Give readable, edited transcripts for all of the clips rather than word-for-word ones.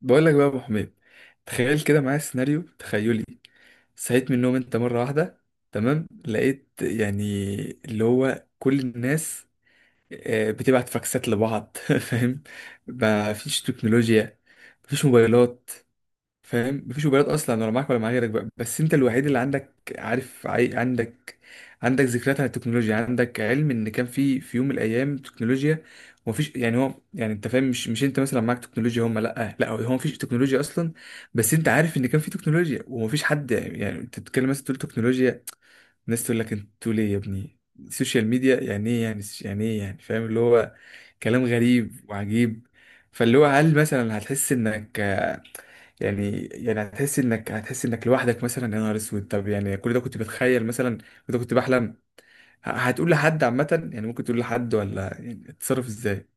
بقول لك بقى يا ابو حميد. تخيل كده معايا سيناريو تخيلي. صحيت من النوم انت مره واحده، تمام، لقيت يعني اللي هو كل الناس بتبعت فاكسات لبعض فاهم. ما فيش تكنولوجيا، ما فيش موبايلات. فاهم؟ مفيش موبايلات اصلا، ولا معاك ولا مع غيرك، بقى بس انت الوحيد اللي عندك، عارف، عندك عندك ذكريات عن التكنولوجيا، عندك علم ان كان في يوم من الايام تكنولوجيا. ومفيش يعني هو يعني انت فاهم، مش انت مثلا معاك تكنولوجيا هم، لا لا، هو مفيش تكنولوجيا اصلا، بس انت عارف ان كان في تكنولوجيا. ومفيش حد، يعني انت تتكلم مثلا تقول تكنولوجيا، الناس تقول لك انت تقول ايه يا ابني؟ السوشيال ميديا يعني ايه؟ يعني يعني ايه يعني؟ فاهم اللي هو كلام غريب وعجيب. فاللي هو هل مثلا هتحس انك، يعني يعني هتحس انك هتحس انك لوحدك مثلا؟ يا نهار اسود. طب يعني كل ده كنت بتخيل مثلا، كل ده كنت بحلم. هتقول لحد عامة؟ يعني ممكن تقول لحد ولا يعني تتصرف ازاي؟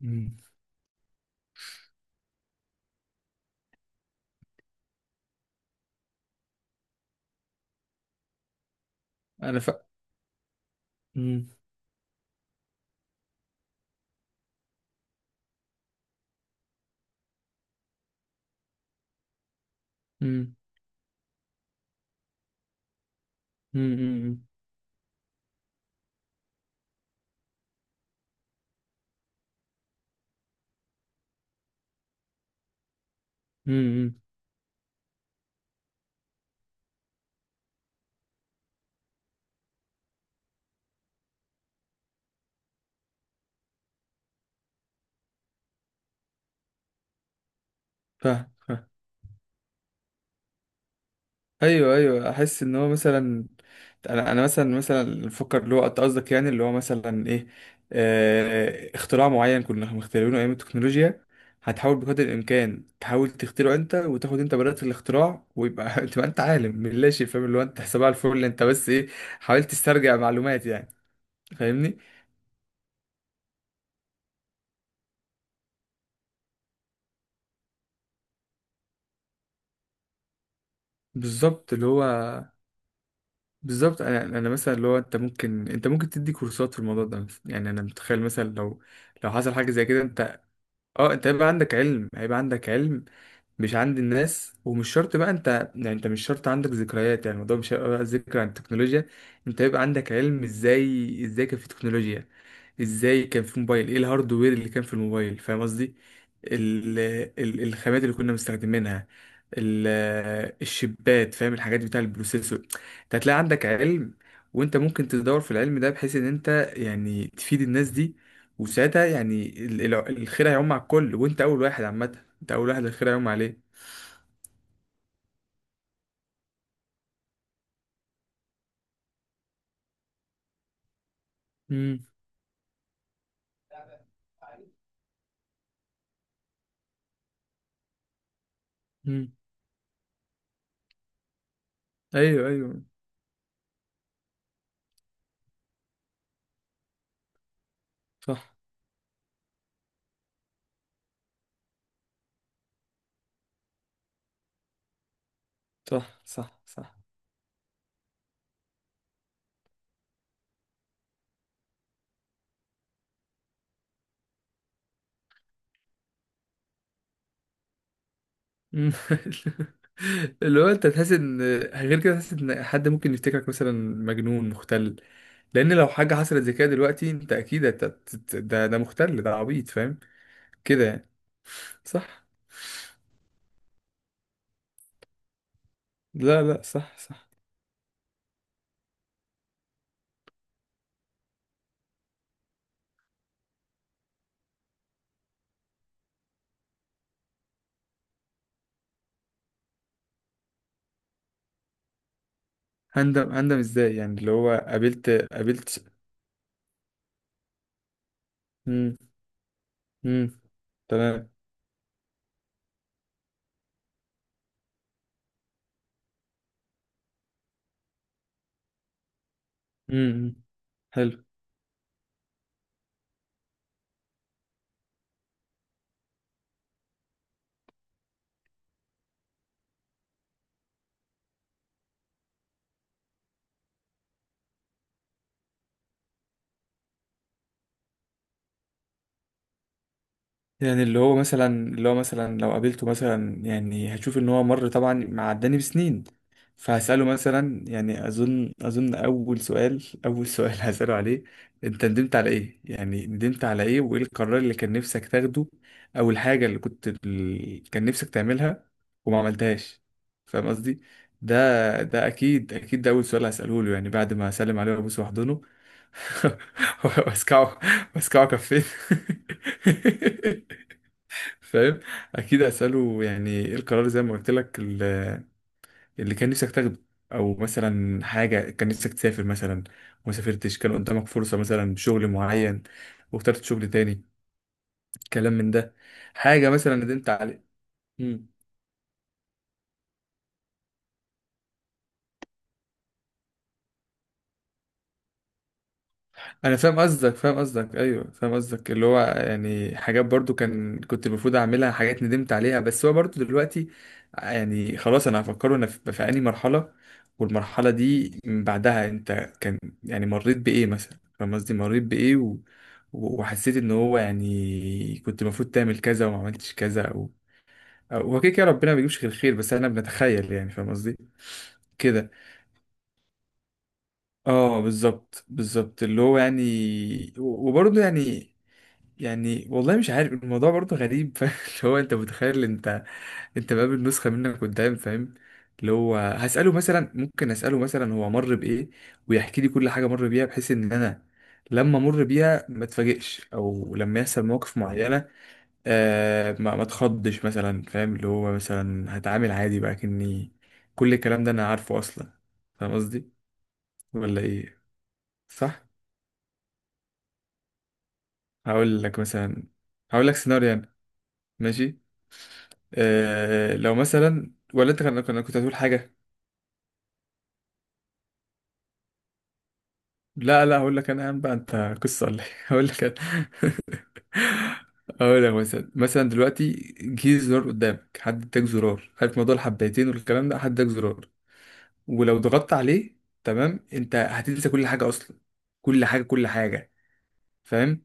مم. انا ف، امم امم امم امم ايوه ايوه، احس ان هو مثلا، انا مثلا مثلا بفكر اللي هو انت قصدك، يعني اللي هو مثلا ايه، آه، اختراع معين كنا مخترعينه ايام التكنولوجيا، هتحاول بقدر الامكان تحاول تخترعه انت، وتاخد انت براءة الاختراع، ويبقى تبقى انت عالم من لا شيء. فاهم اللي هو انت حساب على الفل، اللي انت بس ايه، حاولت تسترجع معلومات يعني. فاهمني؟ بالظبط اللي هو بالظبط. انا مثلا اللي هو، انت ممكن، انت ممكن تدي كورسات في الموضوع ده مثلا، يعني انا متخيل مثلا لو، لو حصل حاجه زي كده، اه، انت هيبقى عندك علم، هيبقى عندك علم مش عند الناس، ومش شرط بقى انت، يعني انت مش شرط عندك ذكريات، يعني الموضوع مش هيبقى بقى ذكر عن التكنولوجيا، انت هيبقى عندك علم ازاي، ازاي كان في تكنولوجيا، ازاي كان في موبايل، ايه الهاردوير اللي كان في الموبايل؟ فاهم قصدي؟ ال... الخامات اللي كنا مستخدمينها، ال... الشبات، فاهم؟ الحاجات بتاع البروسيسور. انت هتلاقي عندك علم، وانت ممكن تدور في العلم ده بحيث ان انت يعني تفيد الناس دي. وساعتها يعني الخير هيعم على الكل، وانت اول واحد، عامه انت اول واحد الخير هيعم عليه. امم امم ايوه ايوه. صح صح صح. مم. اللي هو انت تحس ان غير كده، تحس ان حد ممكن يفتكرك مثلا مجنون مختل. لان لو حاجه حصلت زي كده دلوقتي، انت اكيد ده ده مختل، ده عبيط. فاهم كده يعني؟ صح. لا لا صح صح. هندم؟ هندم ازاي يعني؟ اللي هو قابلت، امم امم تمام. امم حلو. يعني اللي هو مثلا، اللي هو مثلا لو قابلته مثلا، يعني هشوف ان هو مر طبعا، معداني بسنين، فهسأله مثلا. يعني اظن اول سؤال، اول سؤال هسأله عليه، انت ندمت على ايه؟ يعني ندمت على ايه، وايه القرار اللي كان نفسك تاخده؟ او الحاجة اللي كان نفسك تعملها وما عملتهاش. فاهم قصدي؟ ده ده اكيد، ده اول سؤال هسأله له. يعني بعد ما اسلم عليه وابوس واحضنه واسكعه، واسكعه كفين فاهم. اكيد اساله يعني ايه القرار، زي ما قلت لك، اللي كان نفسك تاخده، او مثلا حاجه كان نفسك تسافر مثلا وما سافرتش، كان قدامك فرصه مثلا شغل معين واخترت شغل تاني، كلام من ده، حاجه مثلا ندمت عليه. انا فاهم قصدك، فاهم قصدك، ايوه فاهم قصدك، اللي هو يعني حاجات برضو كان كنت المفروض اعملها، حاجات ندمت عليها، بس هو برضو دلوقتي، يعني خلاص انا هفكره انا في انهي مرحله، والمرحله دي من بعدها انت كان، يعني مريت بايه مثلا؟ فاهم قصدي؟ مريت بايه و... وحسيت ان هو يعني كنت المفروض تعمل كذا وما عملتش كذا، او هو كده كده ربنا ما بيجيبش غير خير، بس انا بنتخيل يعني، فاهم قصدي كده؟ اه بالظبط بالظبط، اللي هو يعني، وبرضه يعني، يعني والله مش عارف، الموضوع برضه غريب فاهم اللي هو انت متخيل انت، انت بقابل نسخة منك قدام، فاهم. اللي هو هسأله مثلا، ممكن أسأله مثلا هو مر بإيه، ويحكي لي كل حاجة مر بيها، بحيث إن أنا لما أمر بيها ما اتفاجئش، أو لما يحصل مواقف معينة آه ما اتخضش مثلا. فاهم اللي هو مثلا هتعامل عادي بقى، كأني كل الكلام ده أنا عارفه أصلا. فاهم قصدي؟ ولا إيه؟ صح. هقول لك مثلا، هقول لك سيناريو يعني. ماشي. آه لو مثلا، ولا انت كان، كنت هتقول حاجه؟ لا لا، هقول لك انا يا عم بقى، انت قصه ولا ايه هقول لك انا هقول لك مثلا، مثلا دلوقتي جه زرار قدامك، حد اداك زرار، عارف موضوع الحبايتين والكلام ده، حد اداك زرار ولو ضغطت عليه، تمام، انت هتنسى كل حاجه اصلا، كل حاجه كل حاجه، فاهم؟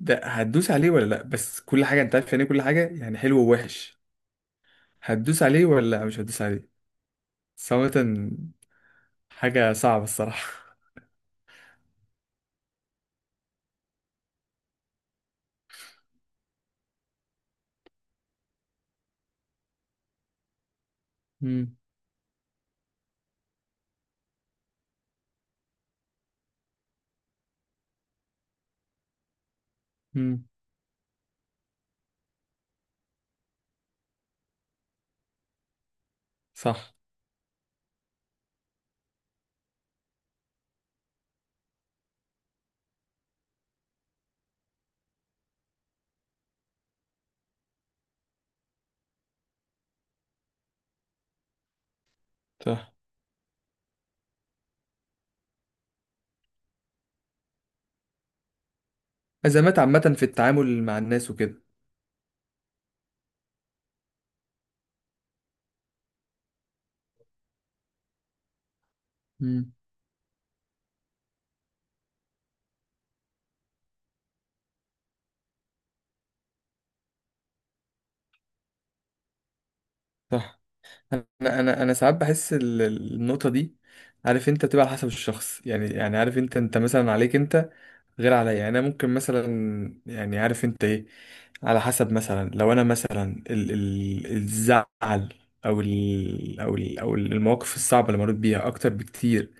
ده هتدوس عليه ولا لا؟ بس كل حاجه انت عارف يعني إيه، كل حاجه يعني حلو ووحش. هتدوس عليه، ولا لا، مش هتدوس عليه؟ صراحه حاجه صعبه الصراحه. امم امم صح صح. أزمات عامة في التعامل مع الناس وكده. مم. صح. انا انا انا ساعات بحس النقطه دي، عارف انت بتبقى على حسب الشخص، يعني يعني عارف انت، انت مثلا عليك انت غير عليا، يعني انا ممكن مثلا، يعني عارف انت ايه، على حسب مثلا لو انا مثلا ال الزعل او ال او المواقف الصعبه اللي مريت بيها اكتر بكتير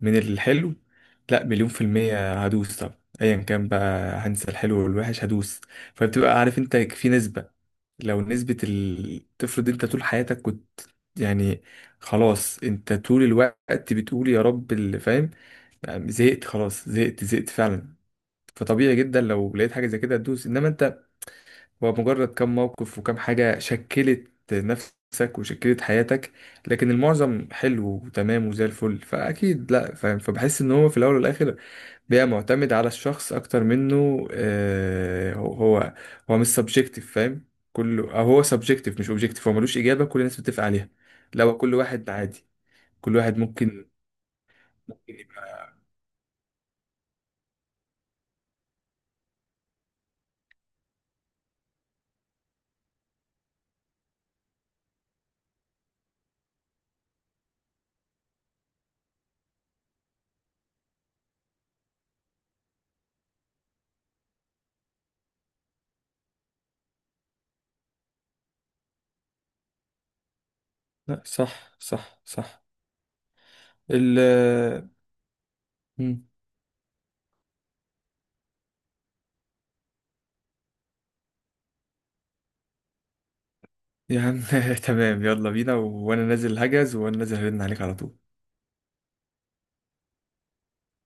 من الحلو، لا مليون في المية هدوس. طب ايا كان بقى، هنسى الحلو والوحش، هدوس. فبتبقى عارف انت في نسبة، لو نسبة تفرض انت طول حياتك كنت يعني خلاص انت طول الوقت بتقول يا رب اللي فاهم، يعني زهقت، خلاص زهقت فعلا، فطبيعي جدا لو لقيت حاجة زي كده تدوس. انما انت هو مجرد كم موقف وكم حاجة شكلت نفسك وشكلت حياتك، لكن المعظم حلو وتمام وزي الفل، فاكيد لا، فاهم. فبحس ان هو في الاول والاخر بيبقى معتمد على الشخص، اكتر منه آه هو هو مش سبجكتيف، فاهم كله، أو هو سبجكتيف مش اوبجكتيف، هو ملوش اجابة كل الناس بتتفق عليها، لو كل واحد عادي، كل واحد ممكن يبقى- لا صح صح. ال، مم. يا عم تمام، يلا بينا، وانا نازل هجز، وانا نازل هرن عليك على طول.